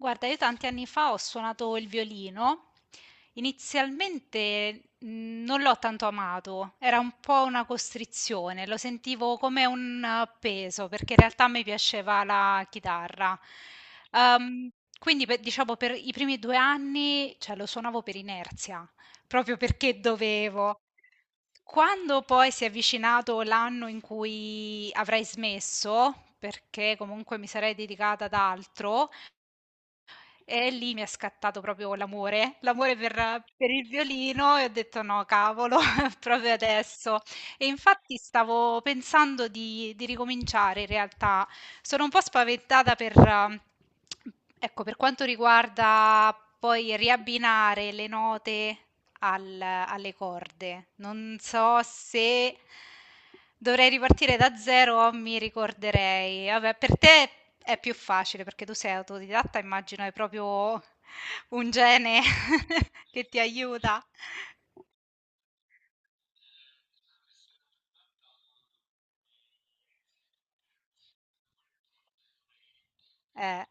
Guarda, io tanti anni fa ho suonato il violino. Inizialmente non l'ho tanto amato, era un po' una costrizione, lo sentivo come un peso, perché in realtà mi piaceva la chitarra. Ehm, diciamo, per i primi due anni, cioè, lo suonavo per inerzia, proprio perché dovevo. Quando poi si è avvicinato l'anno in cui avrei smesso, perché comunque mi sarei dedicata ad altro, e lì mi è scattato proprio l'amore, l'amore per il violino e ho detto: "No, cavolo, proprio adesso". E infatti stavo pensando di ricominciare in realtà. Sono un po' spaventata per ecco, per quanto riguarda poi riabbinare le note alle corde. Non so se dovrei ripartire da zero o mi ricorderei. Vabbè, per te è più facile perché tu sei autodidatta, immagino hai proprio un gene che ti aiuta. Eh.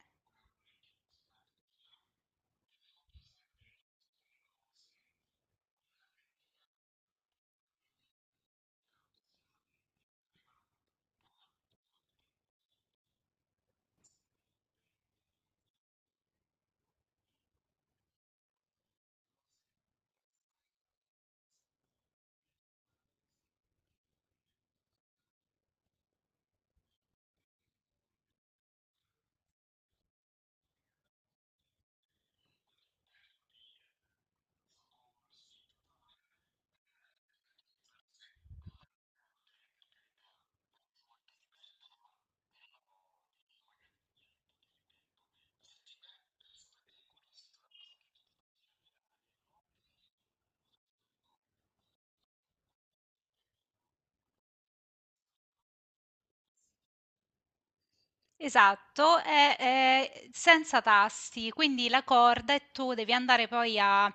Esatto, è senza tasti, quindi la corda e tu devi andare poi a,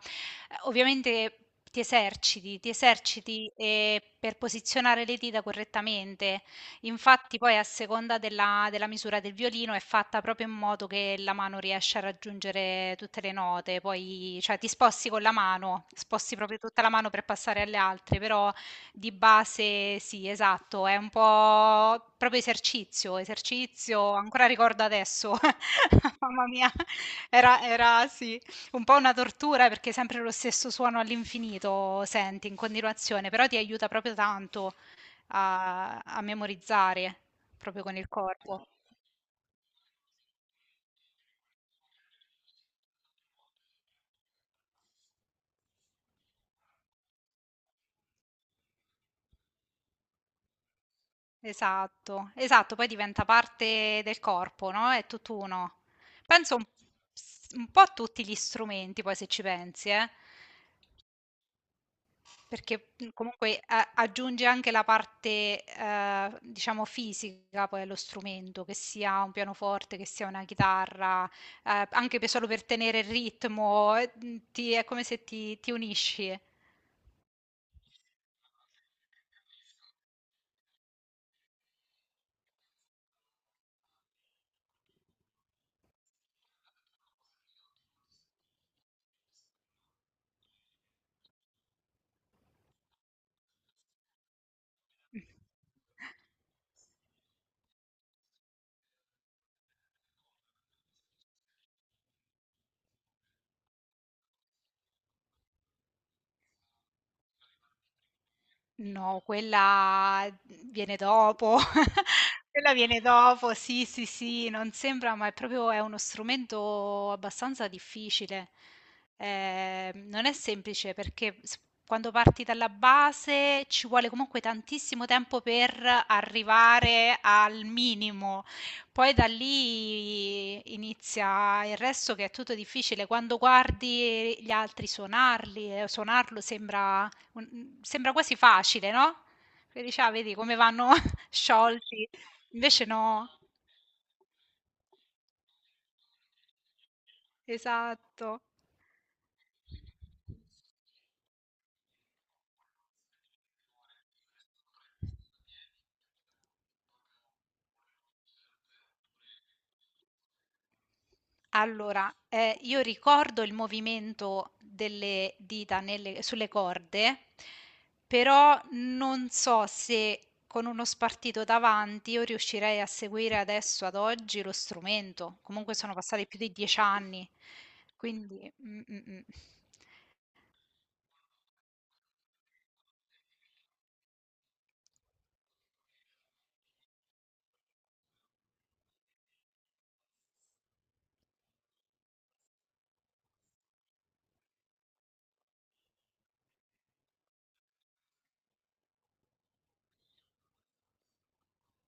ovviamente ti eserciti, per posizionare le dita correttamente. Infatti poi a seconda della misura del violino è fatta proprio in modo che la mano riesce a raggiungere tutte le note, poi cioè, ti sposti con la mano, sposti proprio tutta la mano per passare alle altre, però di base sì, esatto, è un po' proprio esercizio, esercizio, ancora ricordo adesso, mamma mia, era, era sì, un po' una tortura perché sempre lo stesso suono all'infinito senti in continuazione, però ti aiuta proprio tanto a, a memorizzare, proprio con il corpo. Esatto, esatto, poi diventa parte del corpo, no? È tutt'uno. Penso un po' a tutti gli strumenti, poi se ci pensi, eh. Perché, comunque a aggiunge anche la parte, diciamo fisica poi allo strumento, che sia un pianoforte, che sia una chitarra, anche pe solo per tenere il ritmo, ti è come se ti unisci. Mh. No, quella viene dopo. Quella viene dopo, sì, sì, sì, non sembra, ma è proprio è uno strumento abbastanza difficile. Non è semplice perché s- quando parti dalla base ci vuole comunque tantissimo tempo per arrivare al minimo. Poi da lì inizia il resto che è tutto difficile. Quando guardi gli altri suonarli, suonarlo sembra un sembra quasi facile, no, che dici: "Ah, vedi come vanno sciolti." Invece no. Esatto. Allora, io ricordo il movimento delle dita nelle sulle corde, però non so se con uno spartito davanti io riuscirei a seguire adesso, ad oggi, lo strumento. Comunque sono passati più di 10 anni, quindi mh.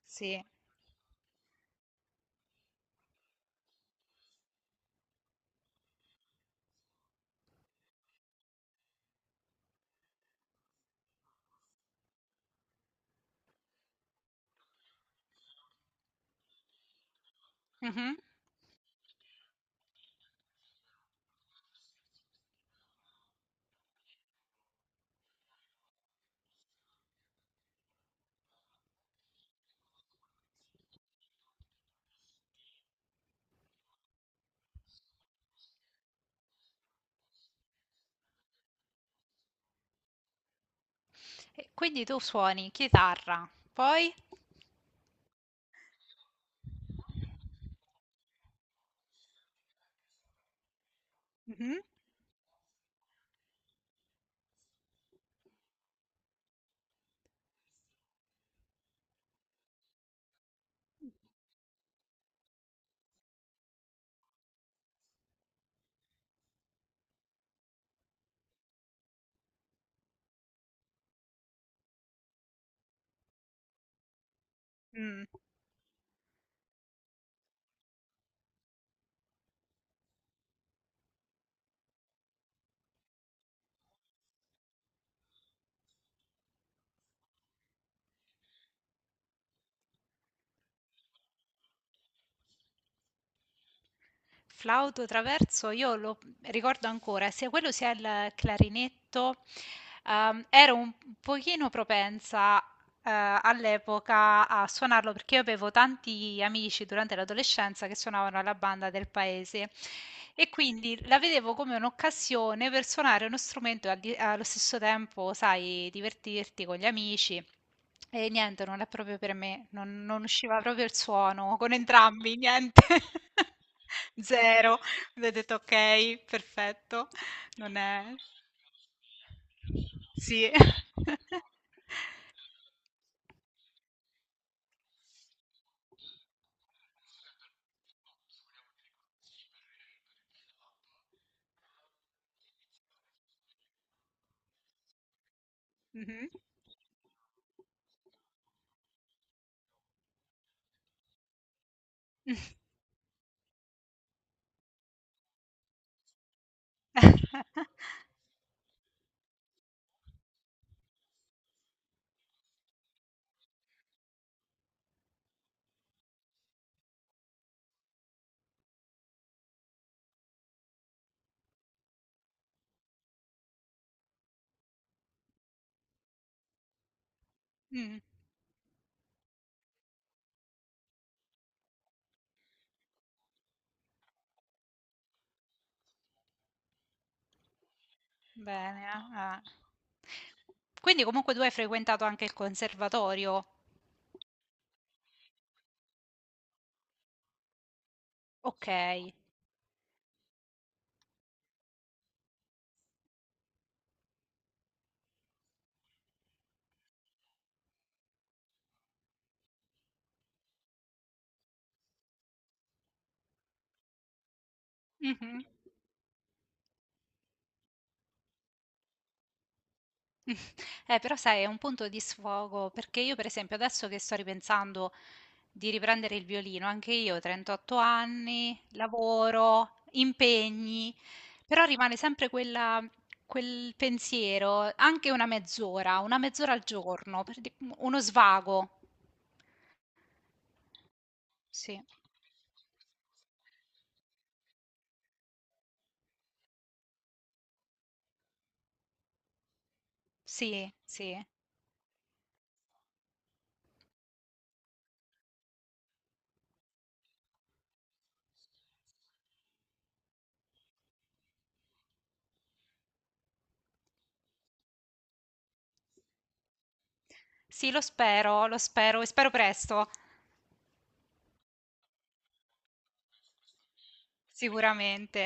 Sì. Mh-mh. E quindi tu suoni chitarra, poi Mhm. Mm. Flauto traverso, io lo ricordo ancora, sia quello sia il clarinetto, ero un pochino propensa eh, all'epoca a suonarlo perché io avevo tanti amici durante l'adolescenza che suonavano la banda del paese e quindi la vedevo come un'occasione per suonare uno strumento e allo stesso tempo, sai, divertirti con gli amici. E niente, non è proprio per me, non, non usciva proprio il suono con entrambi, niente. Zero. Quindi ho detto ok, perfetto. Non è... Sì. Mhm. Mh, bene, ah, ah. Quindi comunque tu hai frequentato anche il conservatorio? Okay. Mh-mh. Però sai è un punto di sfogo, perché io per esempio adesso che sto ripensando di riprendere il violino, anche io 38 anni, lavoro, impegni, però rimane sempre quel pensiero, anche una mezz'ora al giorno, per di uno svago. Sì, sì, sì. Sì, lo spero e spero presto, sicuramente.